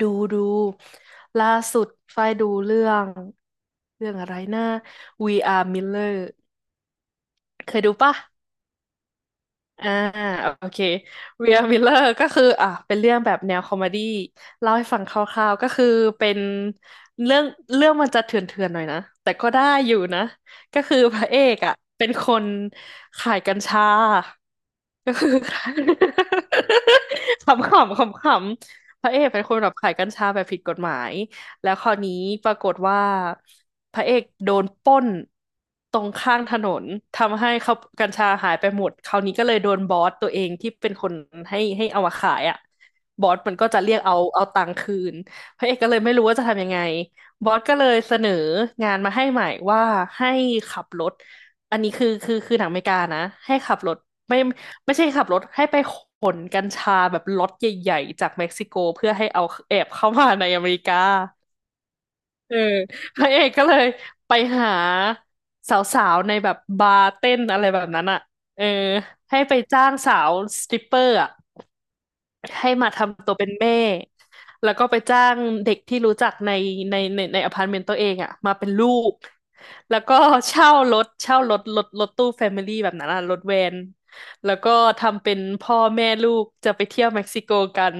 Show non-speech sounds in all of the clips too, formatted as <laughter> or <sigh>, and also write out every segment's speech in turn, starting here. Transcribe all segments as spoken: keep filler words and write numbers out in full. ดูดูล่าสุดฝ้ายดูเรื่องเรื่องอะไรนะ We Are Miller เคยดูปะอ่าโอเค We Are Miller ก็คืออ่ะเป็นเรื่องแบบแนวคอมเมดี้เล่าให้ฟังคร่าวๆก็คือเป็นเรื่องเรื่องมันจะเถื่อนๆหน่อยนะแต่ก็ได้อยู่นะก็คือพระเอกอ่ะเป็นคนขายกัญชาก็คือ <laughs> ขำๆขำๆพระเอกเป็นคนแบบขายกัญชาแบบผิดกฎหมาย แล้วคราวนี้ปรากฏว่าพระเอกโดนปล้นตรงข้างถนนทำให้เขากัญชาหายไปหมดคราวนี้ก็เลยโดนบอสตัวเองที่เป็นคนให้ให้เอามาขายอ่ะบอสมันก็จะเรียกเอาเอาตังค์คืนพระเอกก็เลยไม่รู้ว่าจะทำยังไงบอสก็เลยเสนองานมาให้ใหม่ว่าให้ขับรถอันนี้คือคือคือหนังอเมริกานะให้ขับรถไม่ไม่ใช่ขับรถให้ไปขนกัญชาแบบล็อตใหญ่ๆจากเม็กซิโกเพื่อให้เอาแอบเข้ามาในอเมริกา เออพระเอกก็เลยไปหาสาวๆในแบบบาร์เต้นอะไรแบบนั้นอ่ะเออให้ไปจ้างสาวสตริปเปอร์อ่ะให้มาทำตัวเป็นแม่ แล้วก็ไปจ้างเด็กที่รู้จักในในในในอพาร์ตเมนต์ตัวเองอ่ะมาเป็นลูก แล้วก็เช่ารถเช่ารถรถรถตู้แฟมิลี่แบบนั้นอ่ะรถแวน แล้วก็ทำเป็นพ่อแม่ลูกจะไปเที่ยวเม็กซิโกกัน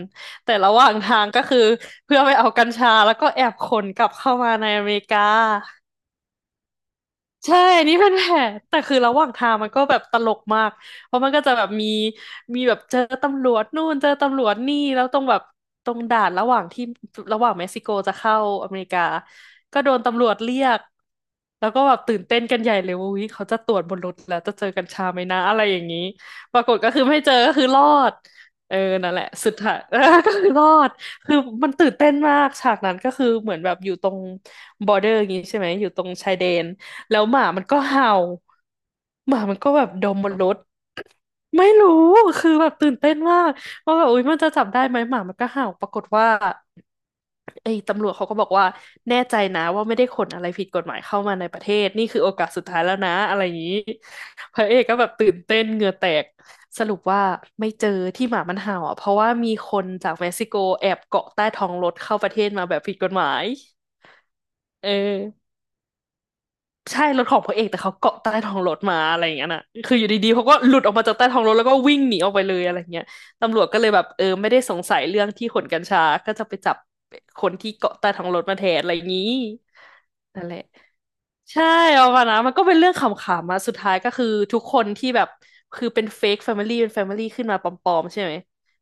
แต่ระหว่างทางก็คือเพื่อไปเอากัญชาแล้วก็แอบขนกลับเข้ามาในอเมริกา ใช่นนี่เป็นแผนแต่คือระหว่างทางมันก็แบบตลกมากเพราะมันก็จะแบบมีมีแบบเจอตำรวจนู่นเจอตำรวจนี่แล้วตรงแบบตรงด่านระหว่างที่ระหว่างเม็กซิโกจะเข้าอเมริกาก็โดนตำรวจเรียกแล้วก็แบบตื่นเต้นกันใหญ่เลยว่าวิเขาจะตรวจบนรถแล้วจะเจอกัญชาไหมนะอะไรอย่างนี้ปรากฏก็คือไม่เจอก็คือรอดเออนั่นแหละสุดท้าย <laughs> ก็คือรอดคือมันตื่นเต้นมากฉากนั้นก็คือเหมือนแบบอยู่ตรงบอร์เดอร์อย่างนี้ใช่ไหมอยู่ตรงชายแดน แล้วหมามันก็เห่าหมามันก็แบบดมบนรถไม่รู้คือแบบตื่นเต้นมากว่าแบบอุ๊ยมันจะจับได้ไหมหมามันก็เห่าปรากฏว่าไอ้ตำรวจเขาก็บอกว่าแน่ใจนะว่าไม่ได้ขนอะไรผิดกฎหมายเข้ามาในประเทศนี่คือโอกาสสุดท้ายแล้วนะอะไรอย่างนี้พระเอกก็แบบตื่นเต้นเหงื่อแตกสรุปว่าไม่เจอที่หมามันเห่าอ่ะเพราะว่ามีคนจากเม็กซิโกแอบเกาะใต้ท้องรถเข้าประเทศมาแบบผิดกฎหมายเออ ใช่รถของพระเอกแต่เขาเกาะใต้ท้องรถมาอะไรอย่างเงี้ยน่ะคืออยู่ดีๆเขาก็หลุดออกมาจากใต้ท้องรถแล้วก็วิ่งหนีออกไปเลยอะไรเงี้ยตำรวจก็เลยแบบเออไม่ได้สงสัยเรื่องที่ขนกัญชาก็จะไปจับคนที่เกาะใต้ท้องรถมาแทนอะไรอย่างงี้นั่นแหละใช่เอามานะมันก็เป็นเรื่องขำๆอะสุดท้ายก็คือทุกคนที่แบบคือเป็นเฟกแฟมิลี่เป็นแฟมิลี่ขึ้นมาปลอมๆใช่ไหม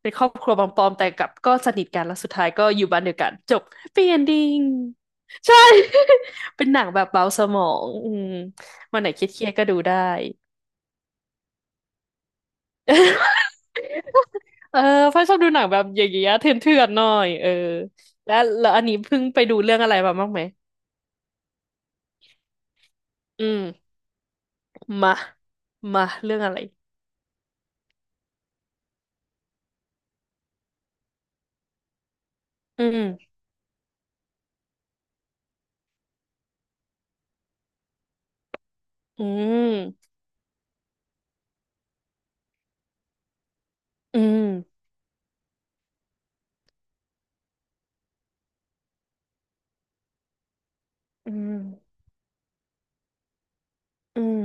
เป็นครอบครัวปลอมๆแต่กลับก็สนิทกันแล้วสุดท้ายก็อยู่บ้านเดียวกันจบแฮปปี้เอนดิ้งใช่ เป็นหนังแบบเบาสมองอืมวันไหนคิดเครียดๆก็ดูได้ <laughs> เออพ่อชอบดูหนังแบบอย่างเงี้ยเถื่อนๆหน่อยเออแล้วแล้วอันนี้เพิ่งไปดูเรื่องอะไรมาบ้างไหม อืมมา มาเรื่องอะไรอืมอืมอืมอืมอืม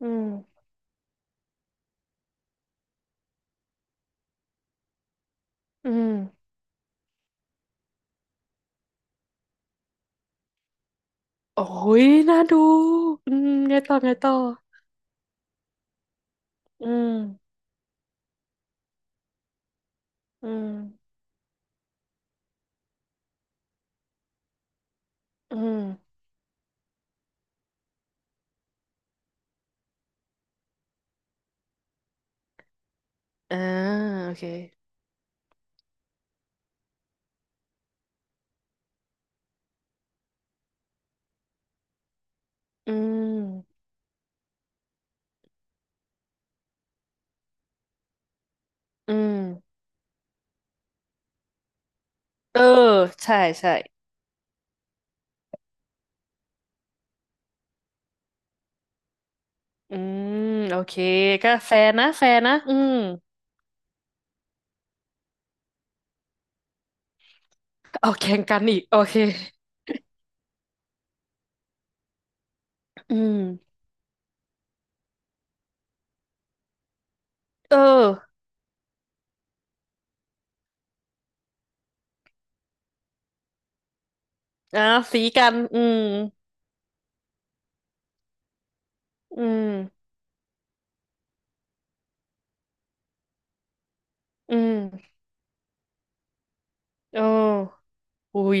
อืมอืมโอ้ยน่าดูอืมไงต่อไงต่ออืมอืมอืมอ่าโอเคอืมอืมเออ ใช่ใช่ อืมโอเคก็แฟร์นะแฟร์นะอืมเอาแข่งกันอีกโอเคอืมเอออ่ะสีกันอืมอืมอืมโออุ้ย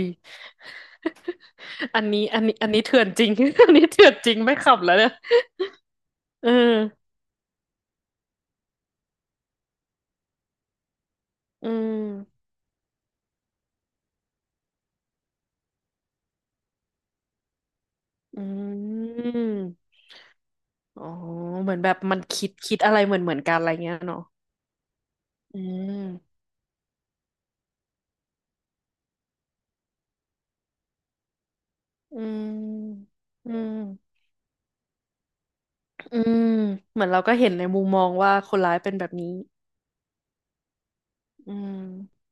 อันนี้อันนี้อันนี้เถื่อนจริง <laughs> อันนี้เถื่อนจริงไม่ขับแล้วเนี่ยเอออืมอืมอ๋อเหมือนแบบมันคิดคิดอะไรเหมือนเหมือนกันอะไรเงี้ยเนาะอืมอืมอืมอืมเหมือนเราก็เห็นในมุมมองว่าคนร้ายเป็นแบบนี้อืม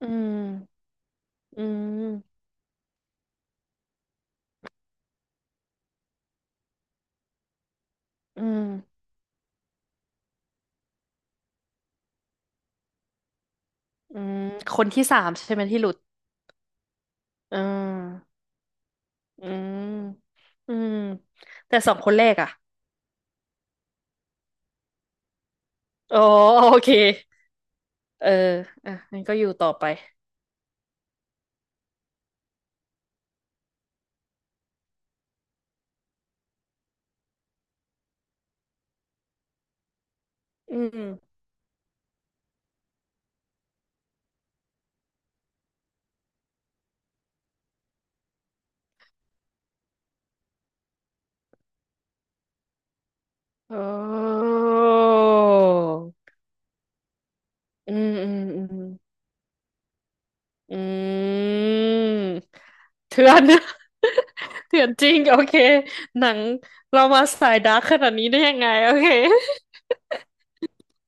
อืมอืมอืมอืมคนที่สามใช่ไหมที่หลุดอืมอืมอืมแต่สองคนแรกอ่ะโอ๋โอเคเอออ่ะงั้นก็อยู่ต่อไปอืมโอ้อืมอืมอืมอืมเถื่อน <laughs> เถื่อนจริงโอเคหนังเรามาสายดาร์กขนาดนี้ได้ยังไงโอเค <laughs>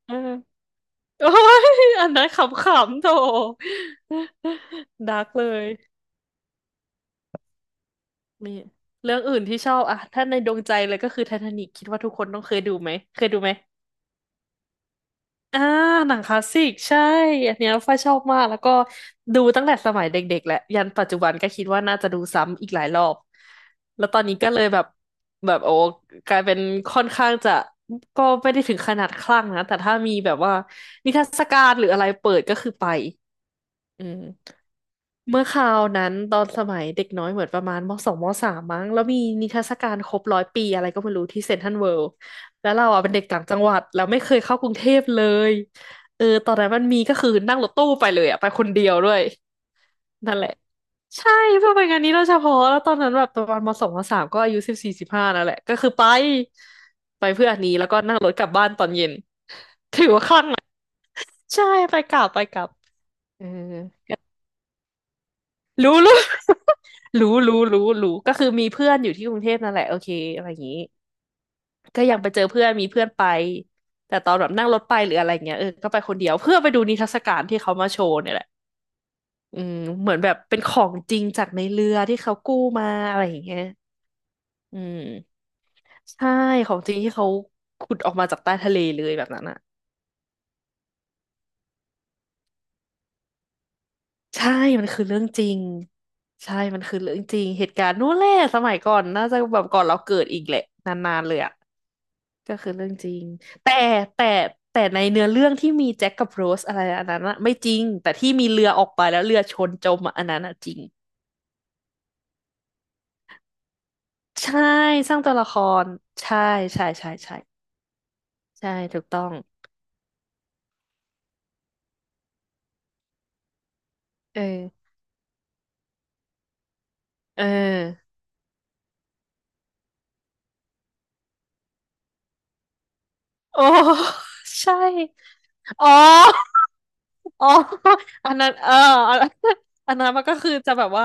เออ โอ้ยอันนั้นขำๆโถดาร์กเลยนีเรื่องอื่นที่ชอบอะถ้าในดวงใจเลยก็คือไททานิกคิดว่าทุกคนต้องเคยดูไหมเคยดูไหมอ่าหนังคลาสสิกใช่อันเนี้ยฝ้ายชอบมากแล้วก็ดูตั้งแต่สมัยเด็กๆแหละยันปัจจุบันก็คิดว่าน่าจะดูซ้ำอีกหลายรอบแล้วตอนนี้ก็เลยแบบแบบโอ้กลายเป็นค่อนข้างจะก็ไม่ได้ถึงขนาดคลั่งนะแต่ถ้ามีแบบว่านิทรรศการหรืออะไรเปิดก็คือไป อืมเมื่อคราวนั้นตอนสมัยเด็กน้อยเหมือนประมาณมสองมสามมั้งแล้วมีนิทรรศการครบร้อยปีอะไรก็ไม่รู้ที่เซ็นทรัลเวิลด์แล้วเราอ่ะเป็นเด็กต่างจังหวัดแล้วไม่เคยเข้ากรุงเทพเลยเออตอนนั้นมันมีก็คือนั่งรถตู้ไปเลยอ่ะไปคนเดียวด้วยนั่นแหละใช่เพื่อไปงานนี้โดยเฉพาะแล้วตอนนั้นแบบประมาณมสองมสามก็อายุสิบสี่สิบห้านั่นแหละก็คือไปไปเพื่ออันนี้แล้วก็นั่งรถกลับบ้านตอนเย็นถือว่าคลั่งไหมใช่ไปกลับไปกลับเออ รู้รู้ <laughs> รู้รู้รู้รู้ก็คือมีเพื่อนอยู่ที่กรุงเทพนั่นแหละโอเคอะไรอย่างนี้ ก็ยังไปเจอเพื่อนมีเพื่อนไป แต่ตอนแบบนั่งรถไปหรืออะไรเงี้ยเออก็ไปคนเดียวเพื่อไปดูนิทรรศการที่เขามาโชว์เนี่ยแหละอืมเหมือนแบบเป็นของจริงจากในเรือที่เขากู้มาอะไรอย่างเงี้ยอืมใช่ของจริงที่เขาขุดออกมาจากใต้ทะเลเลยแบบนั้นอ่ะใช่มันคือเรื่องจริงใช่มันคือเรื่องจริงเหตุการณ์นู้นแหละสมัยก่อนน่าจะแบบก่อนเราเกิดอีกแหละนานๆเลยอ่ะ ก็คือเรื่องจริงแต่แต่แต่ในเนื้อเรื่องที่มีแจ็คกับโรสอะไรอันนั้นอะไม่จริงแต่ที่มีเรือออกไปแล้วเรือชนจมอะอันนั้นอะจริงใช่สร้างตัวละครใช่ใช่ใช่ใช่ใช่ถูกต้องเออเออโอ้ <laughs> ใช่อ๋อ อ๋อ <laughs> อันนั้นเอออันอันนั้นมันก็คือจะแบบว่า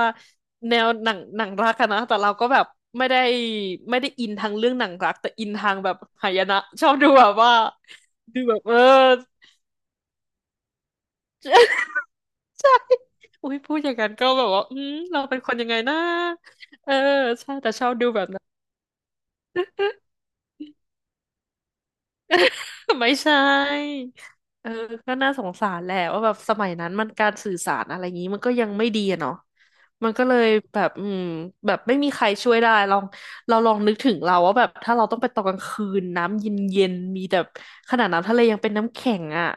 แนวหนังหนังรักอะนะแต่เราก็แบบไม่ได้ไม่ได้อินทางเรื่องหนังรักแต่อินทางแบบหายนะชอบดูแบบว่าดูแบบเออ <laughs> อุ้ยพูดอย่างนั้นก็แบบว่าอืมเราเป็นคนยังไงนะเออใช่แต่ชอบดูแบบนั้น <laughs> ไม่ใช่เออก็น่าสงสารแหละว่าแบบสมัยนั้นมันการสื่อสารอะไรอย่างนี้มันก็ยังไม่ดีอะเนาะ มันก็เลยแบบอืมแบบไม่มีใครช่วยได้ลองเราลองนึกถึงเราว่าแบบถ้าเราต้องไปตอนกลางคืนน้ำเย็นๆมีแต่ขนาดน้ำทะเลยังเป็นน้ำแข็งอ่ะ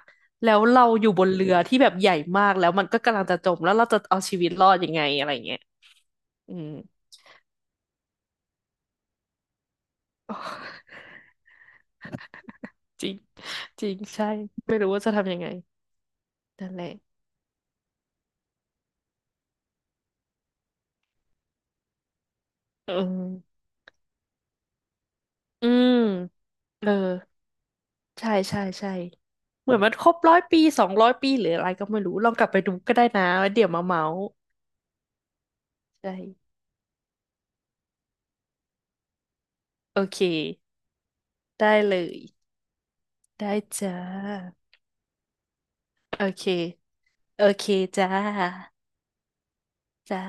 แล้วเราอยู่บนเรือที่แบบใหญ่มากแล้วมันก็กำลังจะจมแล้วเราจะเอาชีวิตรอดยังไงอะไรเงี้ยอืม <laughs> โอ้จริงจริงใช่ ไม่รู้ว่าจะทำยังไงนั่นแหละเอออืมเออใช่ใช่ใช่เหมือนมันครบร้อยปีสองร้อยปีหรืออะไรก็ไม่รู้ลองกลับไปดูก็ได้นะแล้วเดี๋ยวมาเมาส์ ใช่โอเคได้เลยได้จ้าโอเคโอเคจ้าจ้า